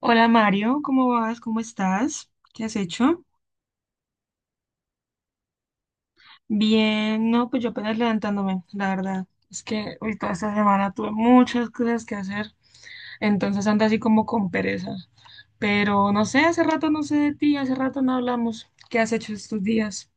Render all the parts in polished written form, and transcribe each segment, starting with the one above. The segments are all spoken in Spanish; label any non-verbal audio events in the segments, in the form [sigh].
Hola Mario, ¿cómo vas? ¿Cómo estás? ¿Qué has hecho? Bien, no, pues yo apenas levantándome, la verdad. Es que hoy toda esta semana tuve muchas cosas que hacer, entonces ando así como con pereza. Pero no sé, hace rato no sé de ti, hace rato no hablamos. ¿Qué has hecho estos días?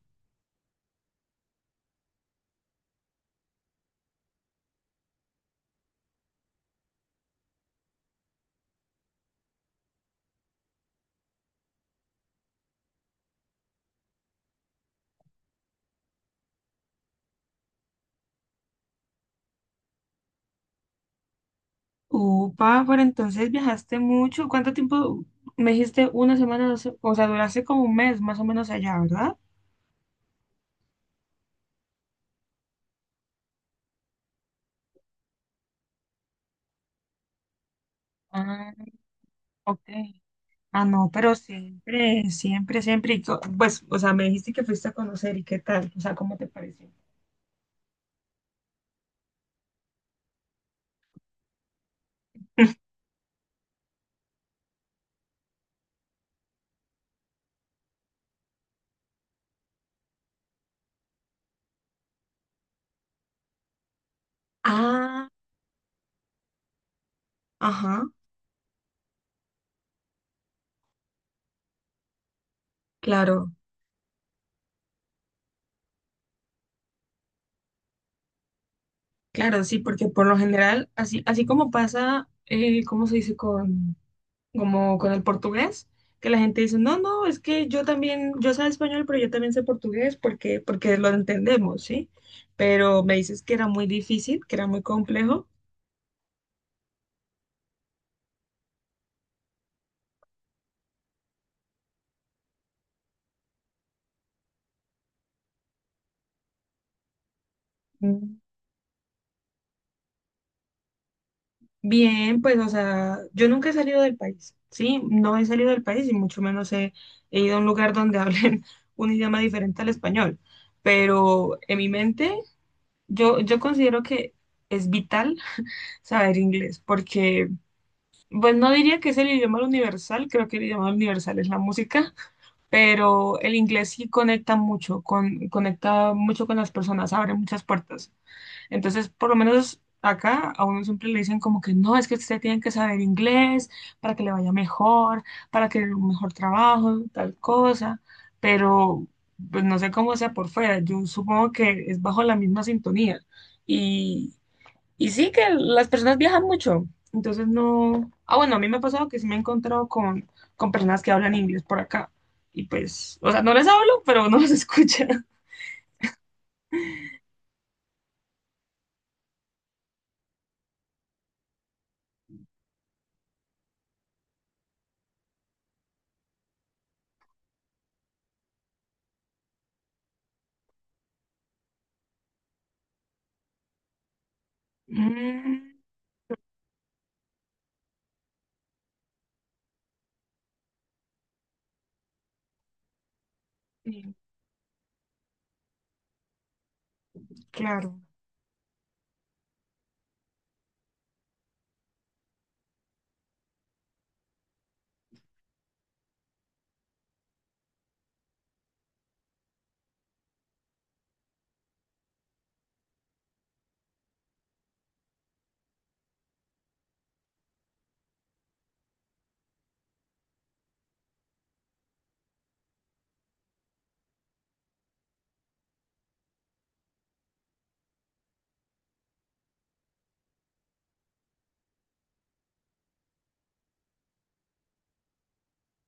Upa, pero entonces viajaste mucho. ¿Cuánto tiempo? Me dijiste una semana, o sea, duraste como un mes más o menos allá, ¿verdad? Ah, ok. Ah, no, pero siempre, siempre, siempre. Pues, o sea, me dijiste que fuiste a conocer y qué tal, o sea, ¿cómo te pareció? [laughs] Ah, ajá, claro, claro, sí, porque por lo general, así, así como pasa, ¿cómo se dice como con el portugués? Que la gente dice, no, no, es que yo también, yo sé español, pero yo también sé portugués porque lo entendemos, ¿sí? Pero me dices que era muy difícil, que era muy complejo. Bien, pues, o sea, yo nunca he salido del país, ¿sí? No he salido del país y mucho menos he ido a un lugar donde hablen [laughs] un idioma diferente al español. Pero en mi mente, yo considero que es vital [laughs] saber inglés, porque, pues, no diría que es el idioma universal, creo que el idioma universal es la música, pero el inglés sí conecta mucho, conecta mucho con las personas, abre muchas puertas. Entonces, por lo menos acá a uno siempre le dicen como que no, es que usted tiene que saber inglés para que le vaya mejor, para que un mejor trabajo, tal cosa, pero pues no sé cómo sea por fuera, yo supongo que es bajo la misma sintonía. Y, y sí que las personas viajan mucho, entonces no. Ah, bueno, a mí me ha pasado que sí me he encontrado con personas que hablan inglés por acá. Y pues, o sea, no les hablo, pero no los escucha. [laughs] Mm, claro.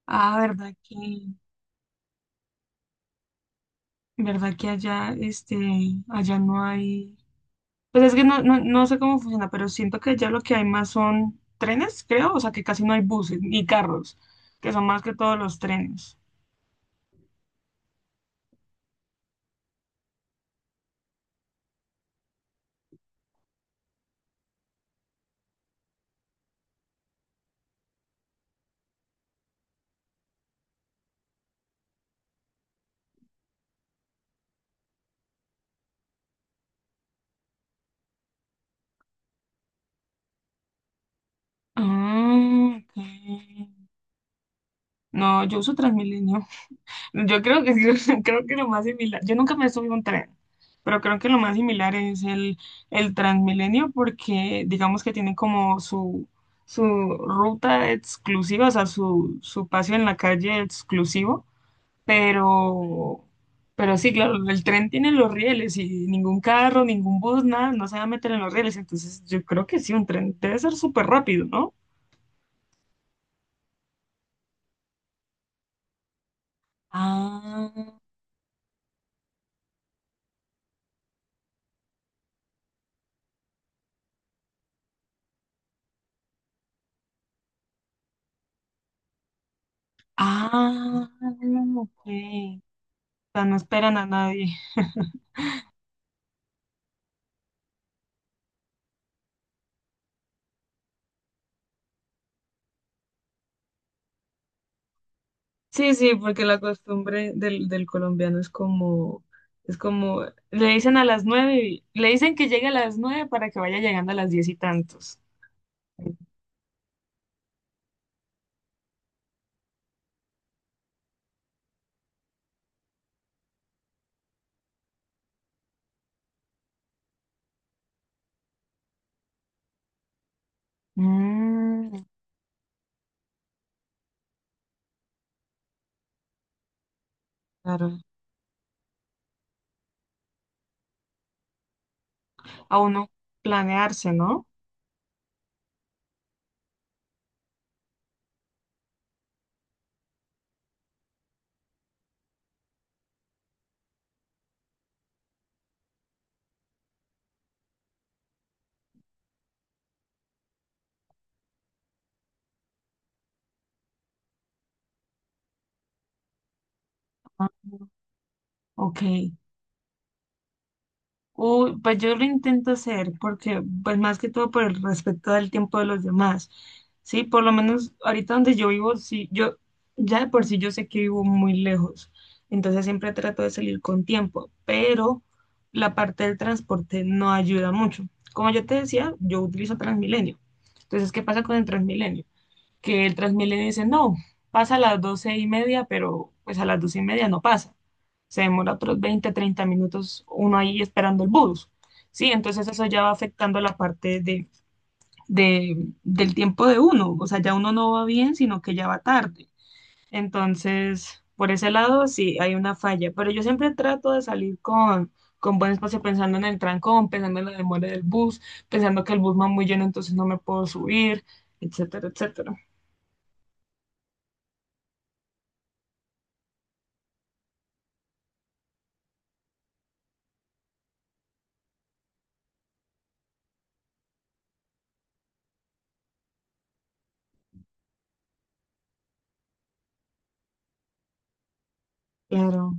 Ah, verdad que allá, allá no hay, pues es que no, no, no sé cómo funciona, pero siento que allá lo que hay más son trenes, creo, o sea que casi no hay buses ni carros, que son más que todos los trenes. Ah, ok. No, yo uso Transmilenio. Yo creo que sí, [laughs] creo que lo más similar, yo nunca me subí a un tren, pero creo que lo más similar es el Transmilenio porque digamos que tiene como su ruta exclusiva, o sea, su paseo en la calle exclusivo, pero, pero sí, claro, el tren tiene los rieles y ningún carro, ningún bus, nada, no se va a meter en los rieles, entonces yo creo que sí, un tren debe ser súper rápido, ¿no? Ah, ah, ok. O sea, no esperan a nadie. Sí, sí, porque la costumbre del colombiano es como, le dicen a las 9, le dicen que llegue a las 9 para que vaya llegando a las 10 y tantos. Mm, claro. A uno planearse, ¿no? Ah, ok. Uy, pues yo lo intento hacer porque, pues más que todo por el respeto del tiempo de los demás, ¿sí? Por lo menos ahorita donde yo vivo, sí, yo ya de por sí yo sé que vivo muy lejos, entonces siempre trato de salir con tiempo, pero la parte del transporte no ayuda mucho. Como yo te decía, yo utilizo Transmilenio. Entonces, ¿qué pasa con el Transmilenio? Que el Transmilenio dice, no, pasa a las 12:30, pero pues a las 12:30 no pasa. Se demora otros 20 30 minutos uno ahí esperando el bus. Sí, entonces eso ya va afectando la parte del tiempo de uno. O sea, ya uno no va bien, sino que ya va tarde. Entonces, por ese lado sí hay una falla. Pero yo siempre trato de salir con buen espacio pensando en el trancón, pensando en la demora del bus, pensando que el bus va muy lleno, entonces no me puedo subir, etcétera, etcétera. Claro.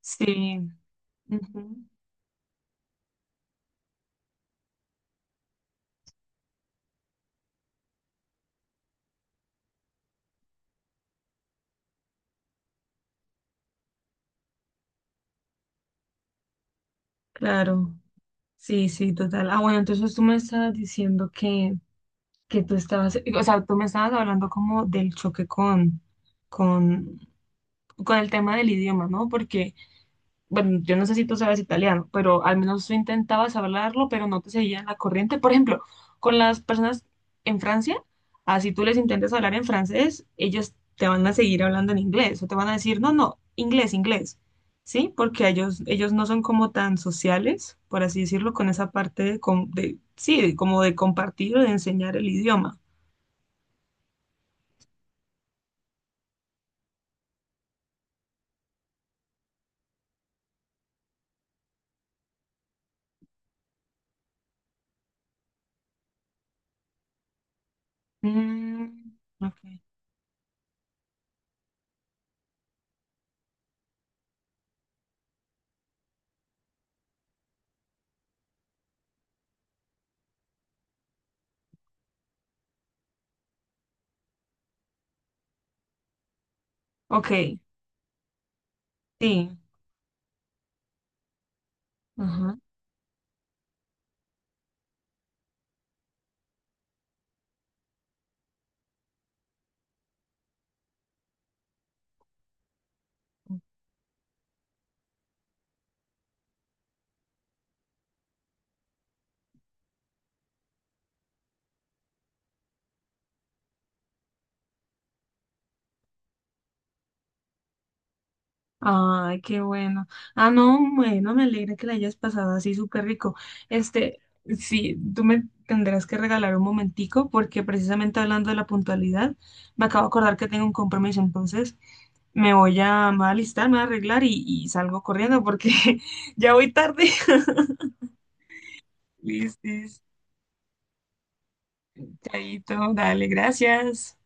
Sí, ujú, claro, sí, sí, total. Ah, bueno, entonces tú me estabas diciendo que tú estabas, o sea, tú me estabas hablando como del choque con, con el tema del idioma, ¿no? Porque bueno, yo no sé si tú sabes italiano, pero al menos tú intentabas hablarlo, pero no te seguían la corriente. Por ejemplo, con las personas en Francia, así tú les intentas hablar en francés, ellos te van a seguir hablando en inglés o te van a decir, no, no, inglés, inglés, ¿sí? Porque ellos no son como tan sociales, por así decirlo, con esa parte de, sí, como de compartir o de enseñar el idioma. Mm, ok, ok, sí. Ajá. Ay, qué bueno. Ah, no, bueno, me alegra que la hayas pasado así súper rico. Este, sí, tú me tendrás que regalar un momentico porque precisamente hablando de la puntualidad, me acabo de acordar que tengo un compromiso, entonces me voy a alistar, me voy a arreglar y salgo corriendo porque [laughs] ya voy tarde. [laughs] Listis, chaito, dale, gracias.